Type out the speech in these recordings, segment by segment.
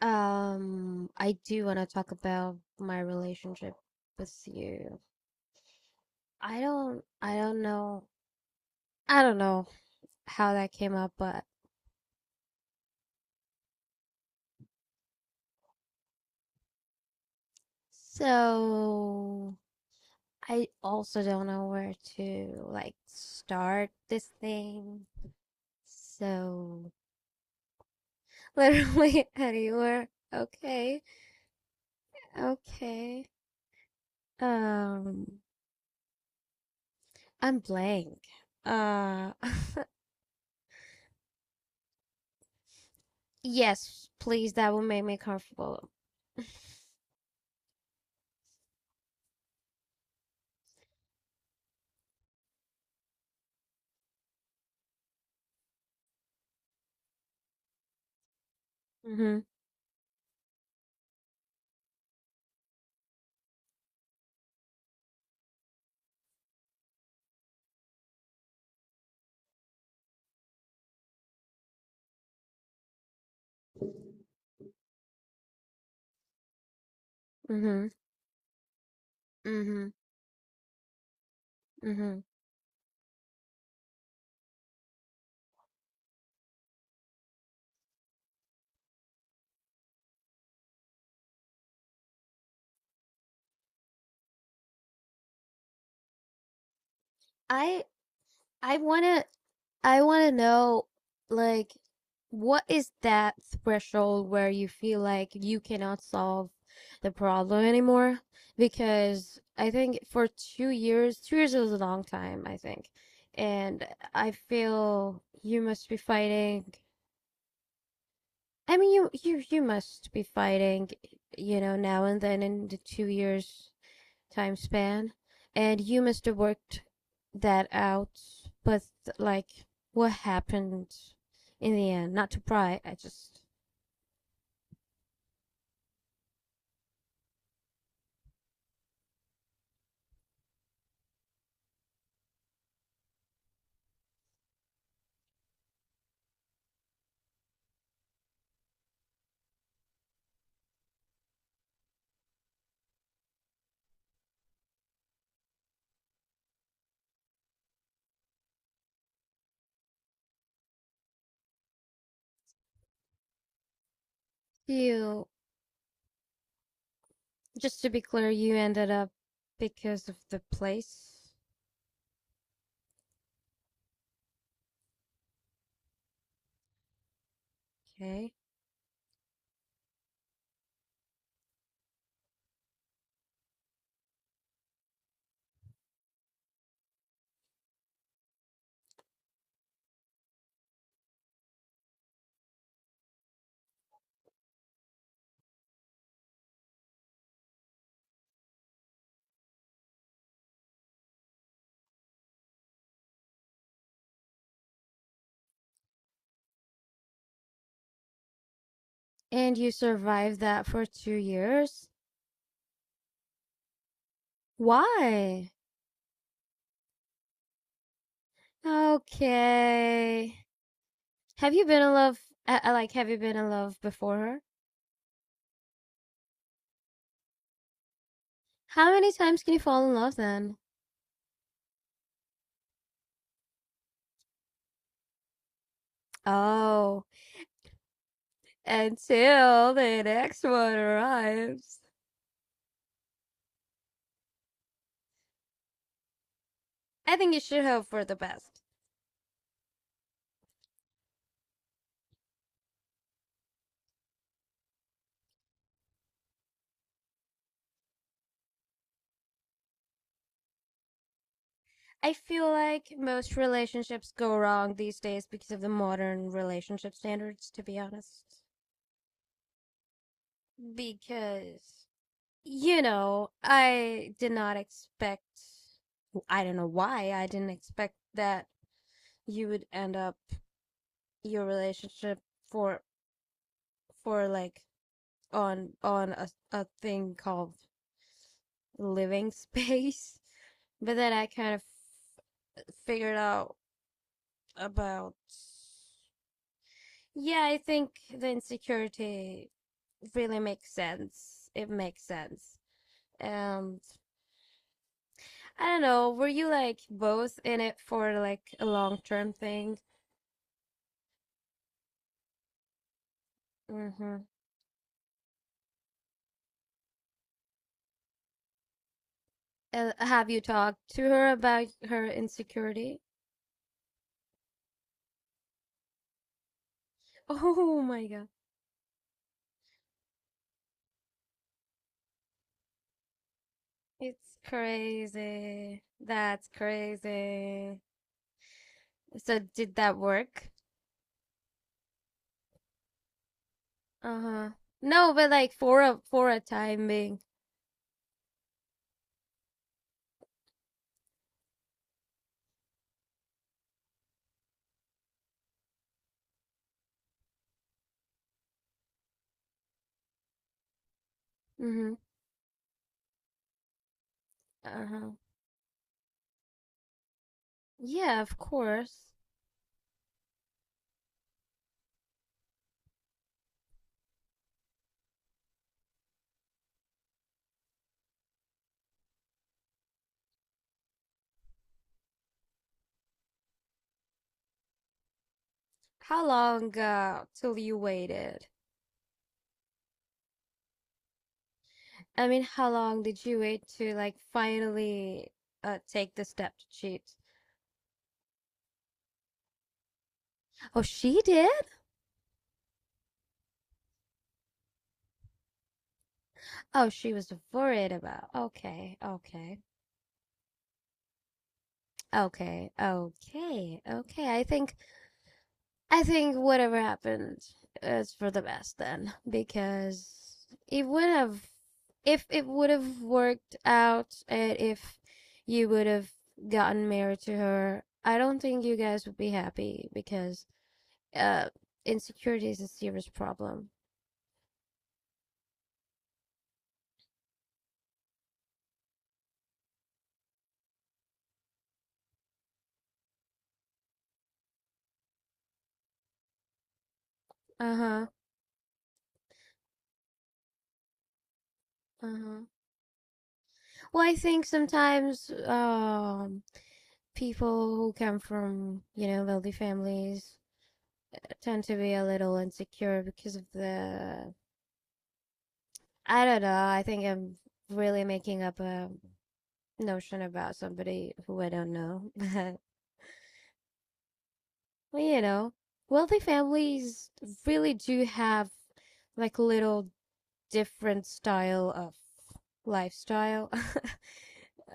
I do want to talk about my relationship with you. I don't, I don't know, I don't know how that came up, but so I also don't know where to like start this thing. So literally anywhere. Okay, okay. Um, I'm blank. Uh, yes, please, that would make me comfortable. Mm-hmm. Mm-hmm. Mhm, mhm. I I wanna I wanna know, like, what is that threshold where you feel like you cannot solve the problem anymore? Because I think for 2 years, 2 years is a long time, I think. And I feel you must be fighting. I mean, you must be fighting, you know, now and then in the 2 years time span, and you must have worked that out, but like what happened in the end? Not to pry, I just, you just to be clear, you ended up because of the place. Okay. And you survived that for 2 years? Why? Okay. Have you been in love? Like, have you been in love before her? How many times can you fall in love then? Oh, until the next one arrives. I think you should hope for the best. I feel like most relationships go wrong these days because of the modern relationship standards, to be honest. Because, you know, I did not expect, I don't know why, I didn't expect that you would end up your relationship for, for like, on a thing called living space. But then I kind of figured out about. Yeah, I think the insecurity really makes sense. It makes sense. And I don't know, were you like both in it for like a long term thing? Mm-hmm. Have you talked to her about her insecurity? Oh my God. It's crazy. That's crazy. So did that work? Uh-huh. No, but like for a time being. Mm-hmm. Uh-huh. Yeah, of course. How long, till you waited? I mean, how long did you wait to like finally take the step to cheat? Oh, she did? Oh, she was worried about. Okay, okay. Okay, okay, okay. I think whatever happened is for the best then, because it would have, if it would have worked out, and if you would have gotten married to her, I don't think you guys would be happy because uh, insecurity is a serious problem. Uh huh. Uh huh. Well, I think sometimes people who come from, you know, wealthy families tend to be a little insecure because of the, I don't know. I think I'm really making up a notion about somebody who I don't know. But, well, you know, wealthy families really do have like little different style of lifestyle.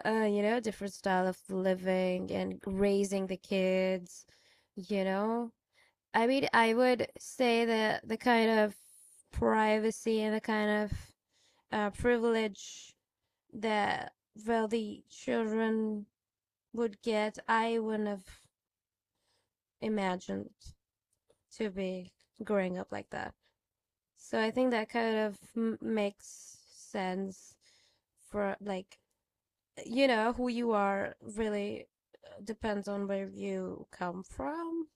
You know, different style of living and raising the kids, you know. I mean, I would say that the kind of privacy and the kind of privilege that wealthy children would get, I wouldn't have imagined to be growing up like that. So I think that kind of makes sense for like, you know, who you are really depends on where you come from.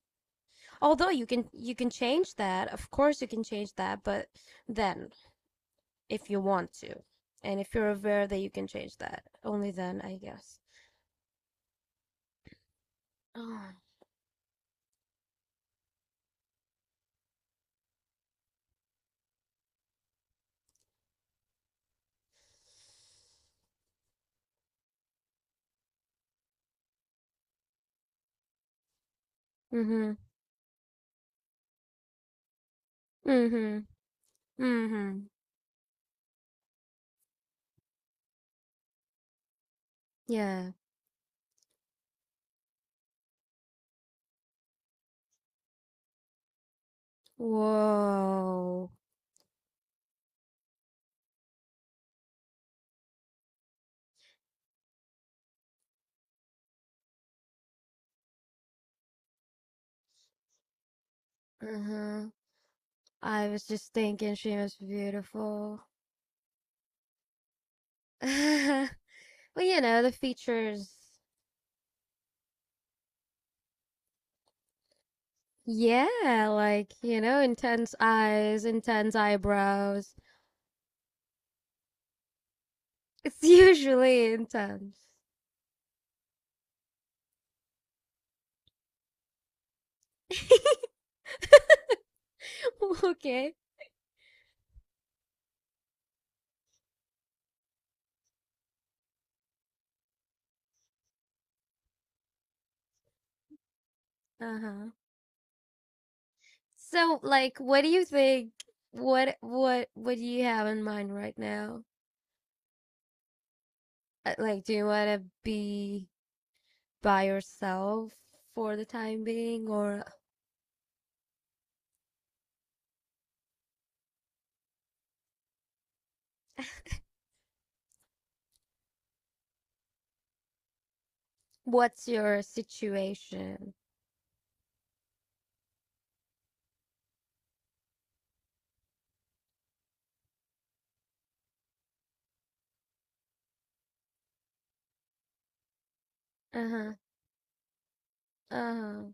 Although you can change that, of course you can change that, but then if you want to, and if you're aware that you can change that, only then I guess. Oh. Mm-hmm. Mhm. Mhm. Yeah. Whoa. Uh-huh. I was just thinking she was beautiful. Well, you know, the features. Yeah, like, you know, intense eyes, intense eyebrows. It's usually intense. Okay. Uh-huh. So, like, what do you think? What do you have in mind right now? Like, do you want to be by yourself for the time being, or what's your situation? Uh huh. Uh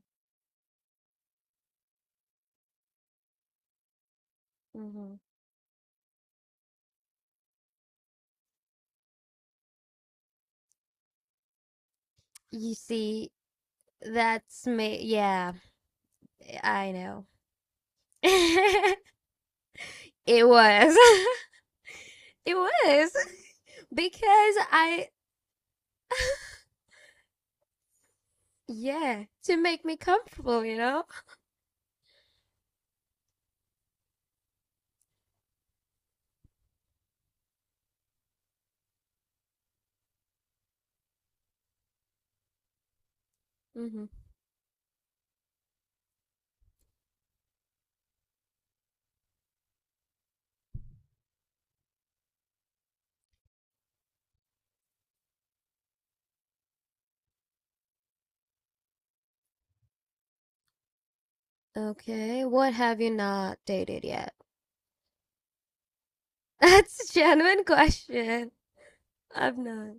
huh. Hmm. You see, that's me. Yeah, eh, I know. It was. It was. Because I, yeah, to make me comfortable, you know? Hmm. Okay, what have you not dated yet? That's a genuine question. I've not.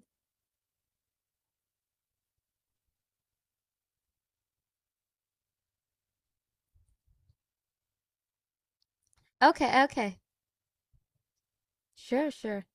Okay, okay. Sure, sure.